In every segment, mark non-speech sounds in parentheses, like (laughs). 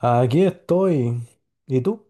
Aquí estoy. ¿Y tú?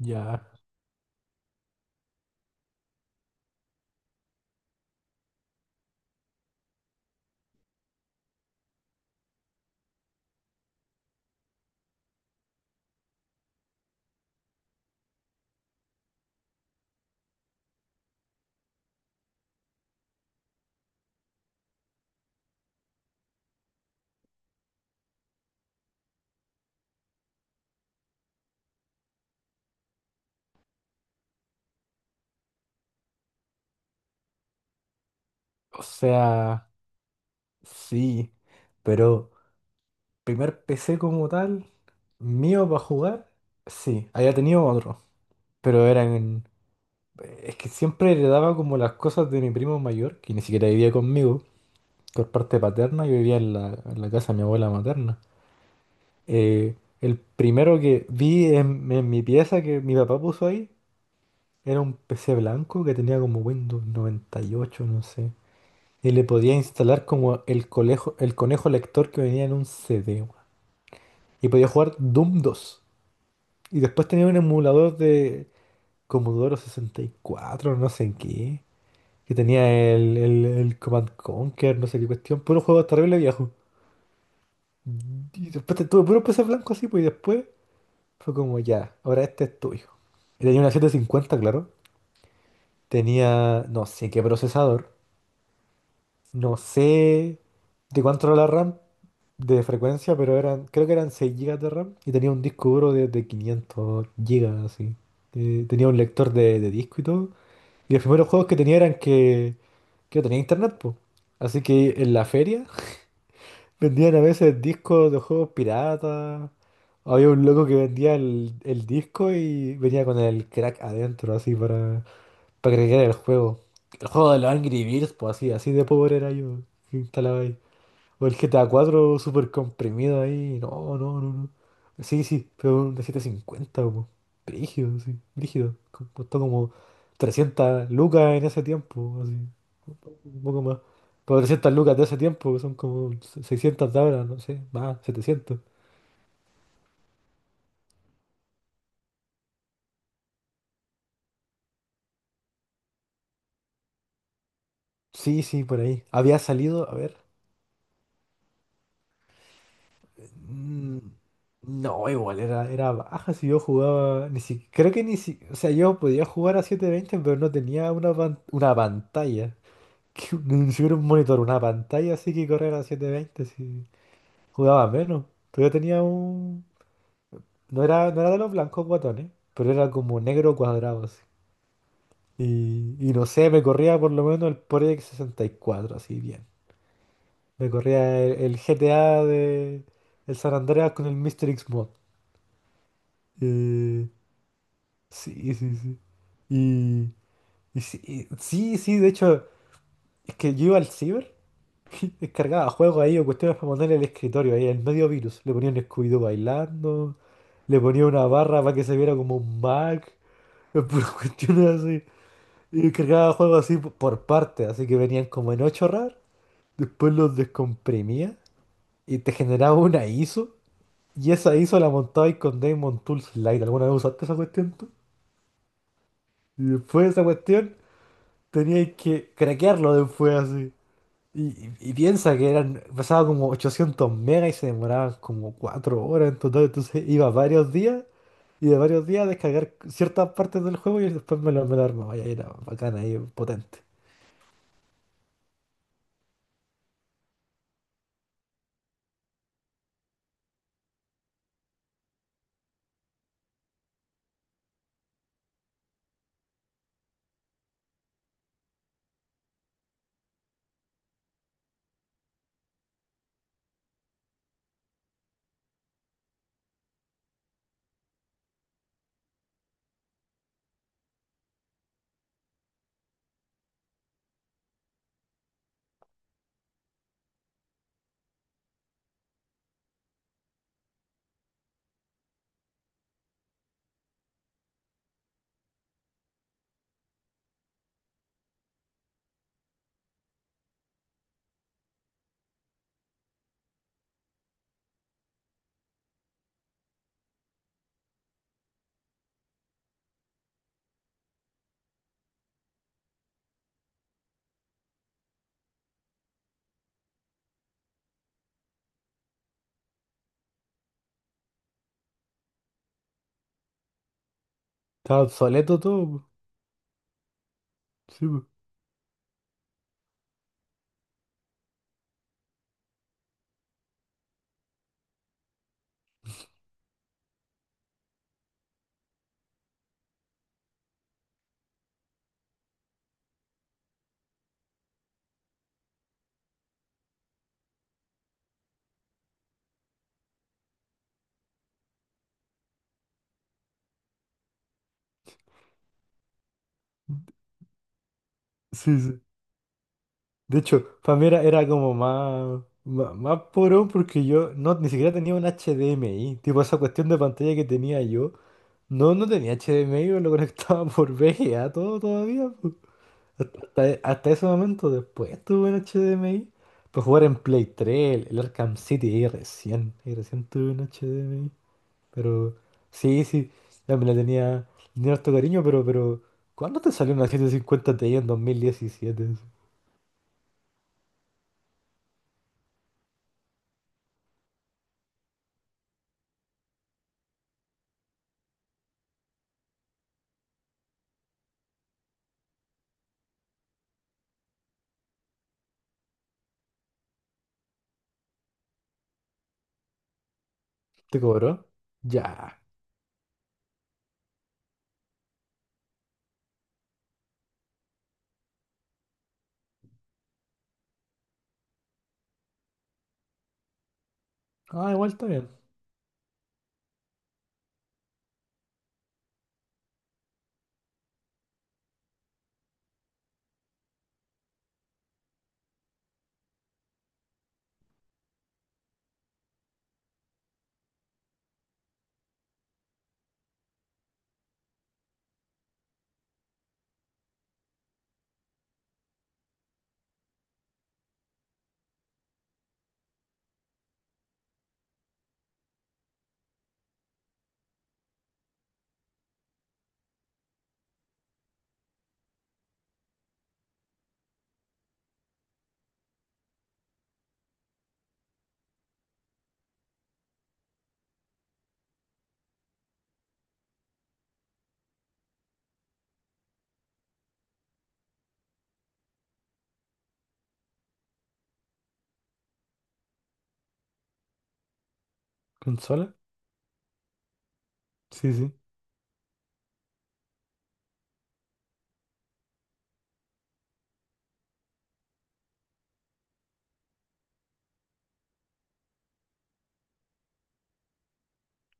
Ya. O sea, sí. Pero primer PC como tal, mío para jugar, sí. Había tenido otro. Pero eran... en- Es que siempre heredaba como las cosas de mi primo mayor, que ni siquiera vivía conmigo, por parte paterna, yo vivía en la, casa de mi abuela materna. El primero que vi en mi pieza que mi papá puso ahí era un PC blanco que tenía como Windows 98, no sé. Y le podía instalar como el conejo lector que venía en un CD, weón. Y podía jugar Doom 2. Y después tenía un emulador de Commodore 64, no sé en qué. Que tenía el Command Conquer, no sé qué cuestión. Puro juego terrible viejo. Y después tuve puro PC blanco así, pues. Y después fue como ya, ahora este es tuyo. Y tenía una 750, claro. Tenía no sé qué procesador. No sé de cuánto era la RAM de frecuencia, pero eran, creo que eran 6 gigas de RAM y tenía un disco duro de, 500 gigas así. Tenía un lector de disco y todo. Y los primeros juegos que tenía eran que no tenía internet, pues. Así que en la feria (laughs) vendían a veces discos de juegos piratas. Había un loco que vendía el, disco y venía con el crack adentro, así, para crear el juego. El juego de los Angry Birds, pues así, así de pobre era yo. Que instalaba ahí. O el GTA 4 súper comprimido ahí. No, no, no, no. Sí, sí, pero un de 750 como. Brígido, sí, brígido. Costó como 300 lucas en ese tiempo, así. Un poco más. Pero 300 lucas de ese tiempo, que son como 600 de ahora, no sé, más, setecientos. Sí, sí, por ahí. Había salido, a ver. mm, No, igual, era baja, si yo jugaba. Ni si, creo que ni si. O sea, yo podía jugar a 720, pero no tenía una, una pantalla. Que (laughs) ni siquiera un monitor, una pantalla así que correr a 720, si jugaba menos. Pero yo tenía un... No era de los blancos guatones, pero era como negro cuadrado así. Y no sé, me corría por lo menos el Project 64, así bien. Me corría el GTA de el San Andreas con el Mr. X mod. Eh, sí, sí, sí. Y, y sí, sí, sí, de hecho, es que yo iba al ciber, (laughs) descargaba juegos ahí o cuestiones para ponerle el escritorio ahí, el medio virus. Le ponía un Scooby-Doo bailando, le ponía una barra para que se viera como un Mac, (laughs) puras cuestiones así. Y descargaba juegos así por parte, así que venían como en 8 RAR, después los descomprimía y te generaba una ISO. Y esa ISO la montaba ahí con Damon Tools Lite. ¿Alguna vez usaste esa cuestión tú? Y después de esa cuestión teníais que craquearlo después así. Y, y piensa que eran, pesaba como 800 megas y se demoraban como 4 horas en total, entonces iba varios días y de varios días a descargar ciertas partes del juego, y después me lo armaba y ahí era bacana, ahí potente. Estaba obsoleto todo, po. Sí, po. Sí, sí. De hecho, para mí era como más, más, más porón, porque yo no, ni siquiera tenía un HDMI, tipo esa cuestión de pantalla que tenía yo, no, no tenía HDMI, yo lo conectaba (laughs) por VGA todo todavía. Hasta ese momento, después estuve en HDMI. Para jugar en Play 3, el Arkham City, y recién, tuve un HDMI. Pero sí, sí, ya me la tenía, tenía harto cariño, pero, ¿cuándo te salió una 750 Ti en 2017? ¿Te cobró? Ya. Ah, igual está bien. ¿Consola? Sí, sí,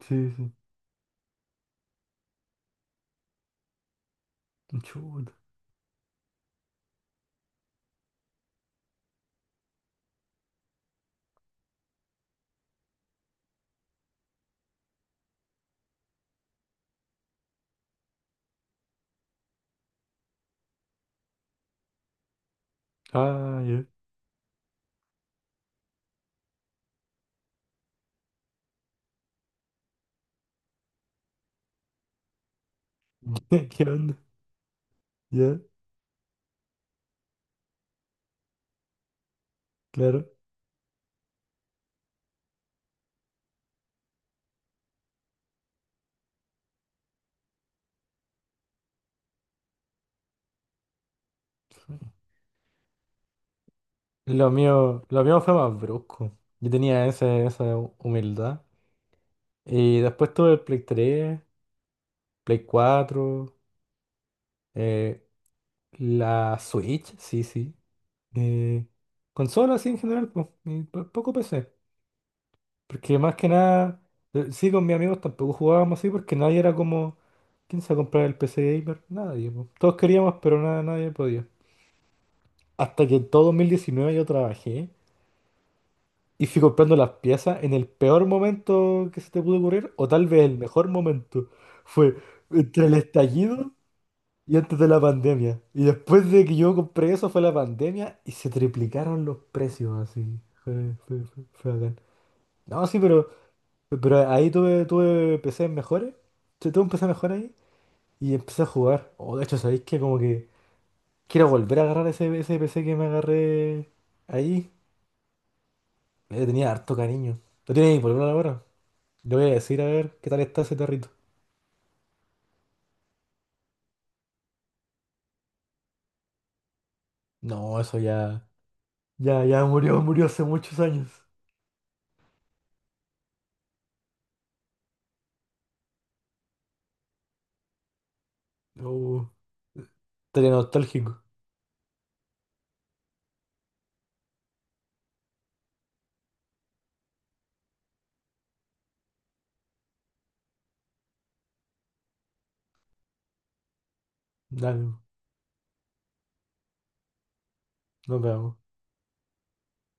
sí, sí. Chuta. Ah, ya. (laughs) ¿Qué onda? Ya, claro. Lo mío fue más brusco. Yo tenía esa humildad. Y después tuve el Play 3, Play cuatro, eh, la Switch, sí, sí. Eh, Consolas, sí, en general, pues, y poco PC. Porque más que nada, sí, con mis amigos tampoco jugábamos así, porque nadie era como, ¿quién se va a comprar el PC gamer? Nadie, pues. Todos queríamos, pero nada, nadie podía. Hasta que en todo 2019 yo trabajé y fui comprando las piezas en el peor momento que se te pudo ocurrir, o tal vez el mejor momento. Fue entre el estallido y antes de la pandemia. Y después de que yo compré eso fue la pandemia y se triplicaron los precios así. Fue bacán. No, sí, pero, ahí tuve PC mejores. Tuve un PC mejor ahí y empecé a jugar. O de hecho, ¿sabéis que como que quiero volver a agarrar ese PC que me agarré ahí? Le tenía harto cariño. ¿Lo tienes disponible ahora? Le voy a decir a ver qué tal está ese tarrito. No, eso ya. Ya, ya murió, murió hace muchos años. Oh, estaría nostálgico. Ya, nos vemos.